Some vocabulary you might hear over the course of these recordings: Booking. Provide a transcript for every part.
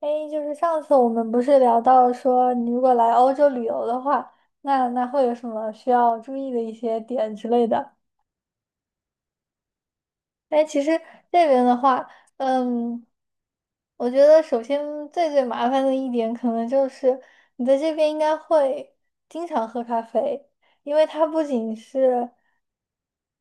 哎，就是上次我们不是聊到说，你如果来欧洲旅游的话，那会有什么需要注意的一些点之类的？哎，其实这边的话，嗯，我觉得首先最最麻烦的一点，可能就是你在这边应该会经常喝咖啡，因为它不仅是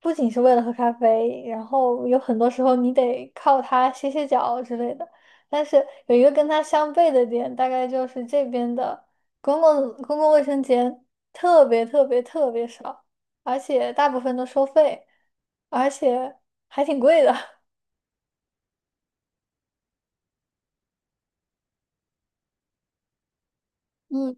不仅是为了喝咖啡，然后有很多时候你得靠它歇歇脚之类的。但是有一个跟它相悖的点，大概就是这边的公共卫生间特别特别特别少，而且大部分都收费，而且还挺贵的。嗯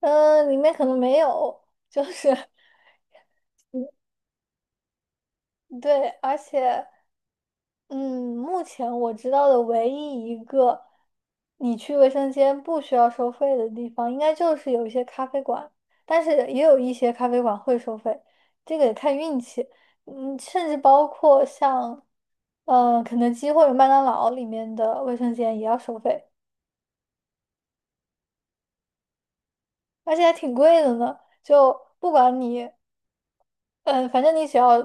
嗯，里面可能没有，就是 对，而且。嗯，目前我知道的唯一一个你去卫生间不需要收费的地方，应该就是有一些咖啡馆，但是也有一些咖啡馆会收费，这个得看运气。甚至包括像，肯德基或者麦当劳里面的卫生间也要收费，而且还挺贵的呢。就不管你嗯，反正你只要，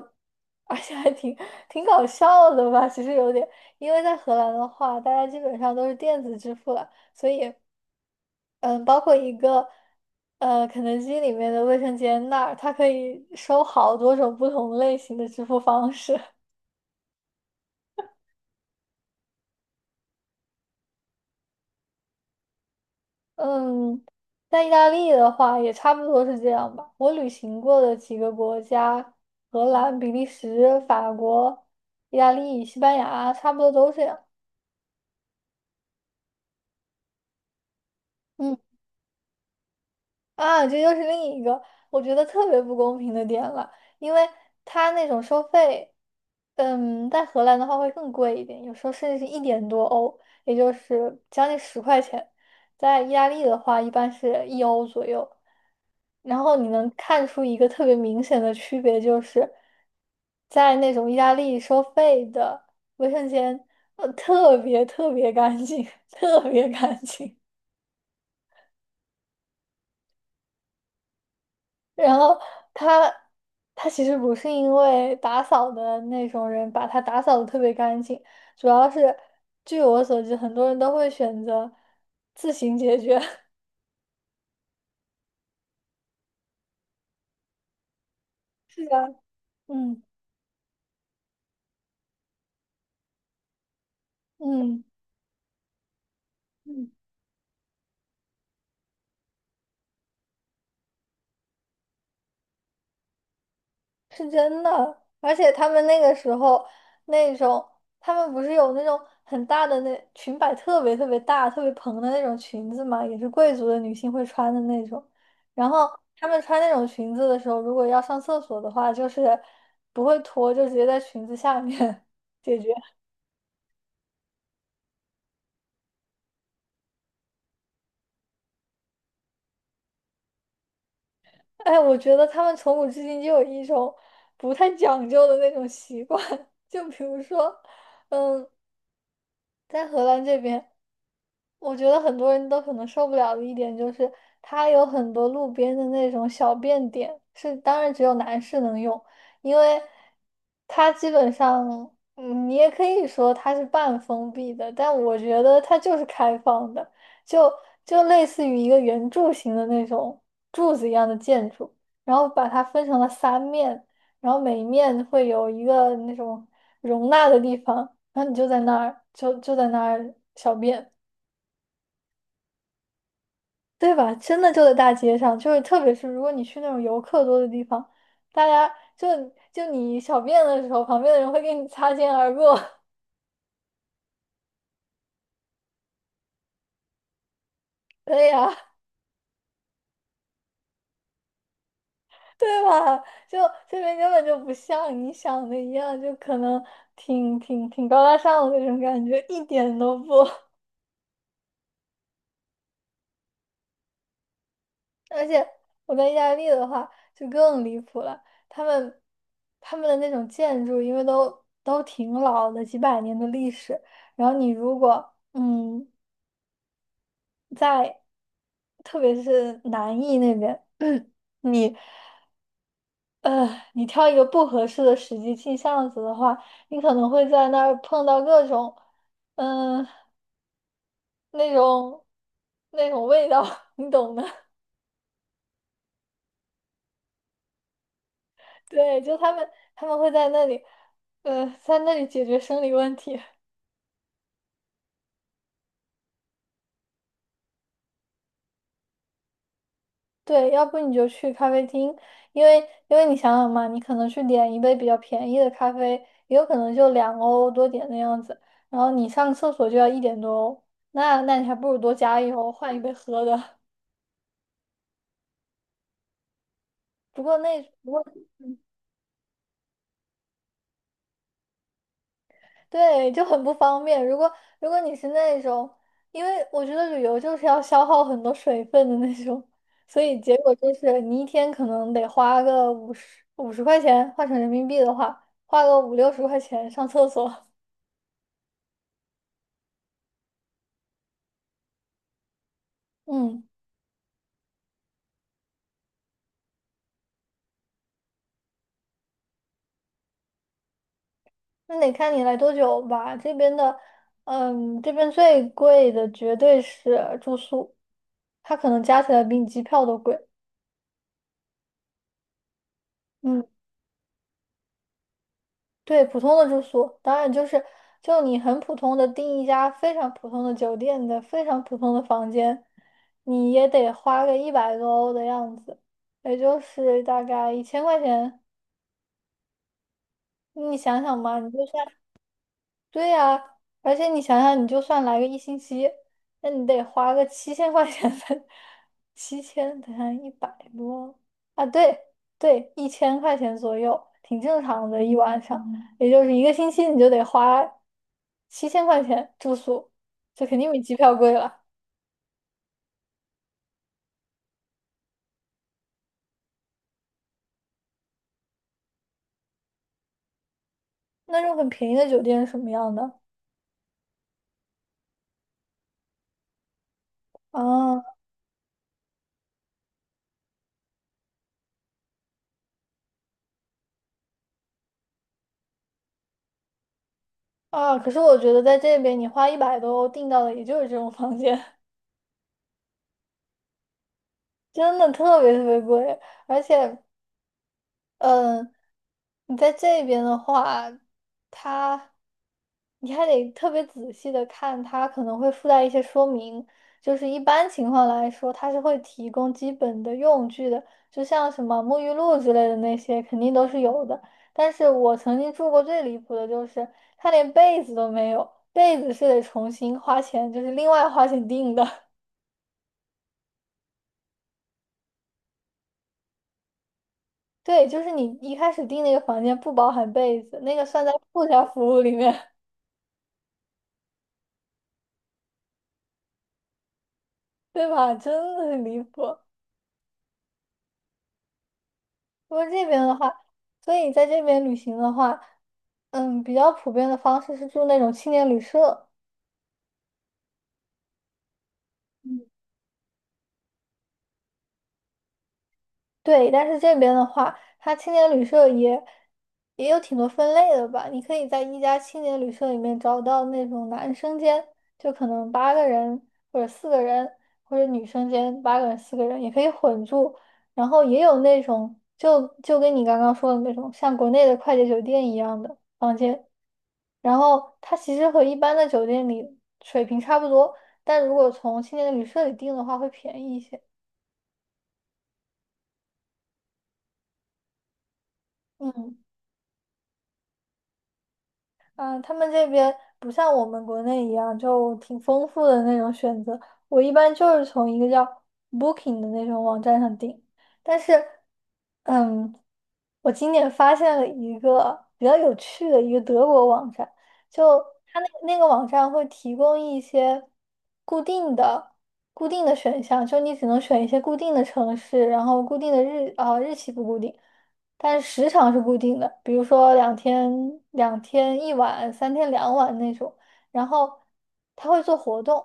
而且还挺搞笑的吧，其实有点，因为在荷兰的话，大家基本上都是电子支付了，所以，嗯，包括一个，肯德基里面的卫生间那儿，它可以收好多种不同类型的支付方式。嗯，在意大利的话也差不多是这样吧。我旅行过的几个国家，荷兰、比利时、法国、意大利、西班牙，差不多都这样。嗯。啊，这又是另一个我觉得特别不公平的点了，因为他那种收费，在荷兰的话会更贵一点，有时候甚至是一点多欧，也就是将近十块钱。在意大利的话，一般是一欧左右。然后你能看出一个特别明显的区别，就是在那种意大利收费的卫生间，特别特别干净，特别干净。然后他他其实不是因为打扫的那种人把他打扫的特别干净，主要是据我所知，很多人都会选择自行解决。是啊嗯嗯嗯。是真的，而且他们那个时候那种，他们不是有那种很大的那裙摆，特别特别大、特别蓬的那种裙子嘛，也是贵族的女性会穿的那种。然后她们穿那种裙子的时候，如果要上厕所的话，就是不会脱，就直接在裙子下面 解决。哎，我觉得他们从古至今就有一种不太讲究的那种习惯，就比如说，嗯。在荷兰这边，我觉得很多人都可能受不了的一点就是，它有很多路边的那种小便点，是当然只有男士能用，因为它基本上，你也可以说它是半封闭的，但我觉得它就是开放的，就就类似于一个圆柱形的那种柱子一样的建筑，然后把它分成了三面，然后每一面会有一个那种容纳的地方。然后你就在那儿，就在那儿小便，对吧？真的就在大街上，就是特别是如果你去那种游客多的地方，大家就就你小便的时候，旁边的人会跟你擦肩而过，对呀，对吧？就这边根本就不像你想的一样，就可能挺高大上的那种感觉，一点都不。而且我在意大利的话就更离谱了，他们他们的那种建筑，因为都挺老的，几百年的历史。然后你如果在，特别是南意那边，你呃你挑一个不合适的时机进巷子的话，你可能会在那儿碰到各种嗯、那种那种味道，你懂的。对，就他们会在那里，在那里解决生理问题。对，要不你就去咖啡厅，因为因为你想想嘛，你可能去点一杯比较便宜的咖啡，也有可能就2欧多点的样子，然后你上厕所就要一点多欧，那你还不如多加一欧换一杯喝的。不过那不过对，就很不方便。如果你是那种，因为我觉得旅游就是要消耗很多水分的那种，所以结果就是你一天可能得花个五十块钱，换成人民币的话，花个五六十块钱上厕所。嗯，那得看你来多久吧。这边的，这边最贵的绝对是住宿，它可能加起来比你机票都贵。嗯。对，普通的住宿，当然就是就你很普通的订一家非常普通的酒店的非常普通的房间，你也得花个一百多欧的样子，也就是大概一千块钱。你想想嘛，你就算对呀、而且你想想，你就算来个1星期，那你得花个七千块钱才 7000等下100多啊，对对，一千块钱左右，挺正常的，一晚上。也就是1个星期你就得花七千块钱住宿，这肯定比机票贵了。那种很便宜的酒店是什么样的？啊啊！可是我觉得在这边，你花一百多欧订到的也就是这种房间，真的特别特别贵。而且，嗯，你在这边的话，它。你还得特别仔细的看，它可能会附带一些说明。就是一般情况来说，它是会提供基本的用具的，就像什么沐浴露之类的那些，肯定都是有的。但是我曾经住过最离谱的就是，它连被子都没有，被子是得重新花钱，就是另外花钱订的。对，就是你一开始订那个房间不包含被子，那个算在附加服务里面，对吧？真的很离谱。不过这边的话，所以在这边旅行的话，比较普遍的方式是住那种青年旅社。对，但是这边的话，它青年旅社也有挺多分类的吧。你可以在一家青年旅社里面找到那种男生间，就可能八个人或者四个人，或者女生间八个人四个人也可以混住。然后也有那种就跟你刚刚说的那种像国内的快捷酒店一样的房间，然后它其实和一般的酒店里水平差不多，但如果从青年旅社里订的话会便宜一些。嗯。嗯，他们这边不像我们国内一样，就挺丰富的那种选择。我一般就是从一个叫 Booking 的那种网站上订，但是嗯，我今年发现了一个比较有趣的一个德国网站，就它那个网站会提供一些固定的、固定的选项，就你只能选一些固定的城市，然后固定的日期不固定，但是时长是固定的，比如说两天一晚、3天2晚那种。然后它会做活动，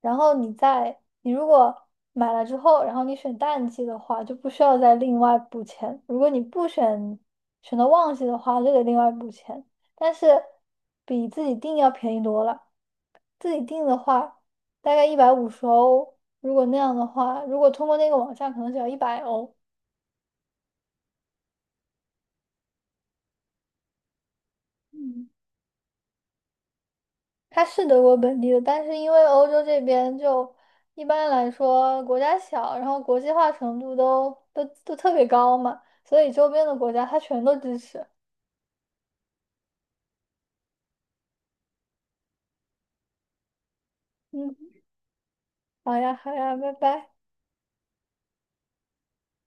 然后你如果买了之后，然后你选淡季的话，就不需要再另外补钱。如果你不选选择旺季的话，就得另外补钱。但是比自己订要便宜多了。自己订的话，大概150欧。如果那样的话，如果通过那个网站，可能只要100欧。嗯。他是德国本地的，但是因为欧洲这边就一般来说国家小，然后国际化程度都特别高嘛，所以周边的国家他全都支持。嗯，好呀，好呀，拜拜。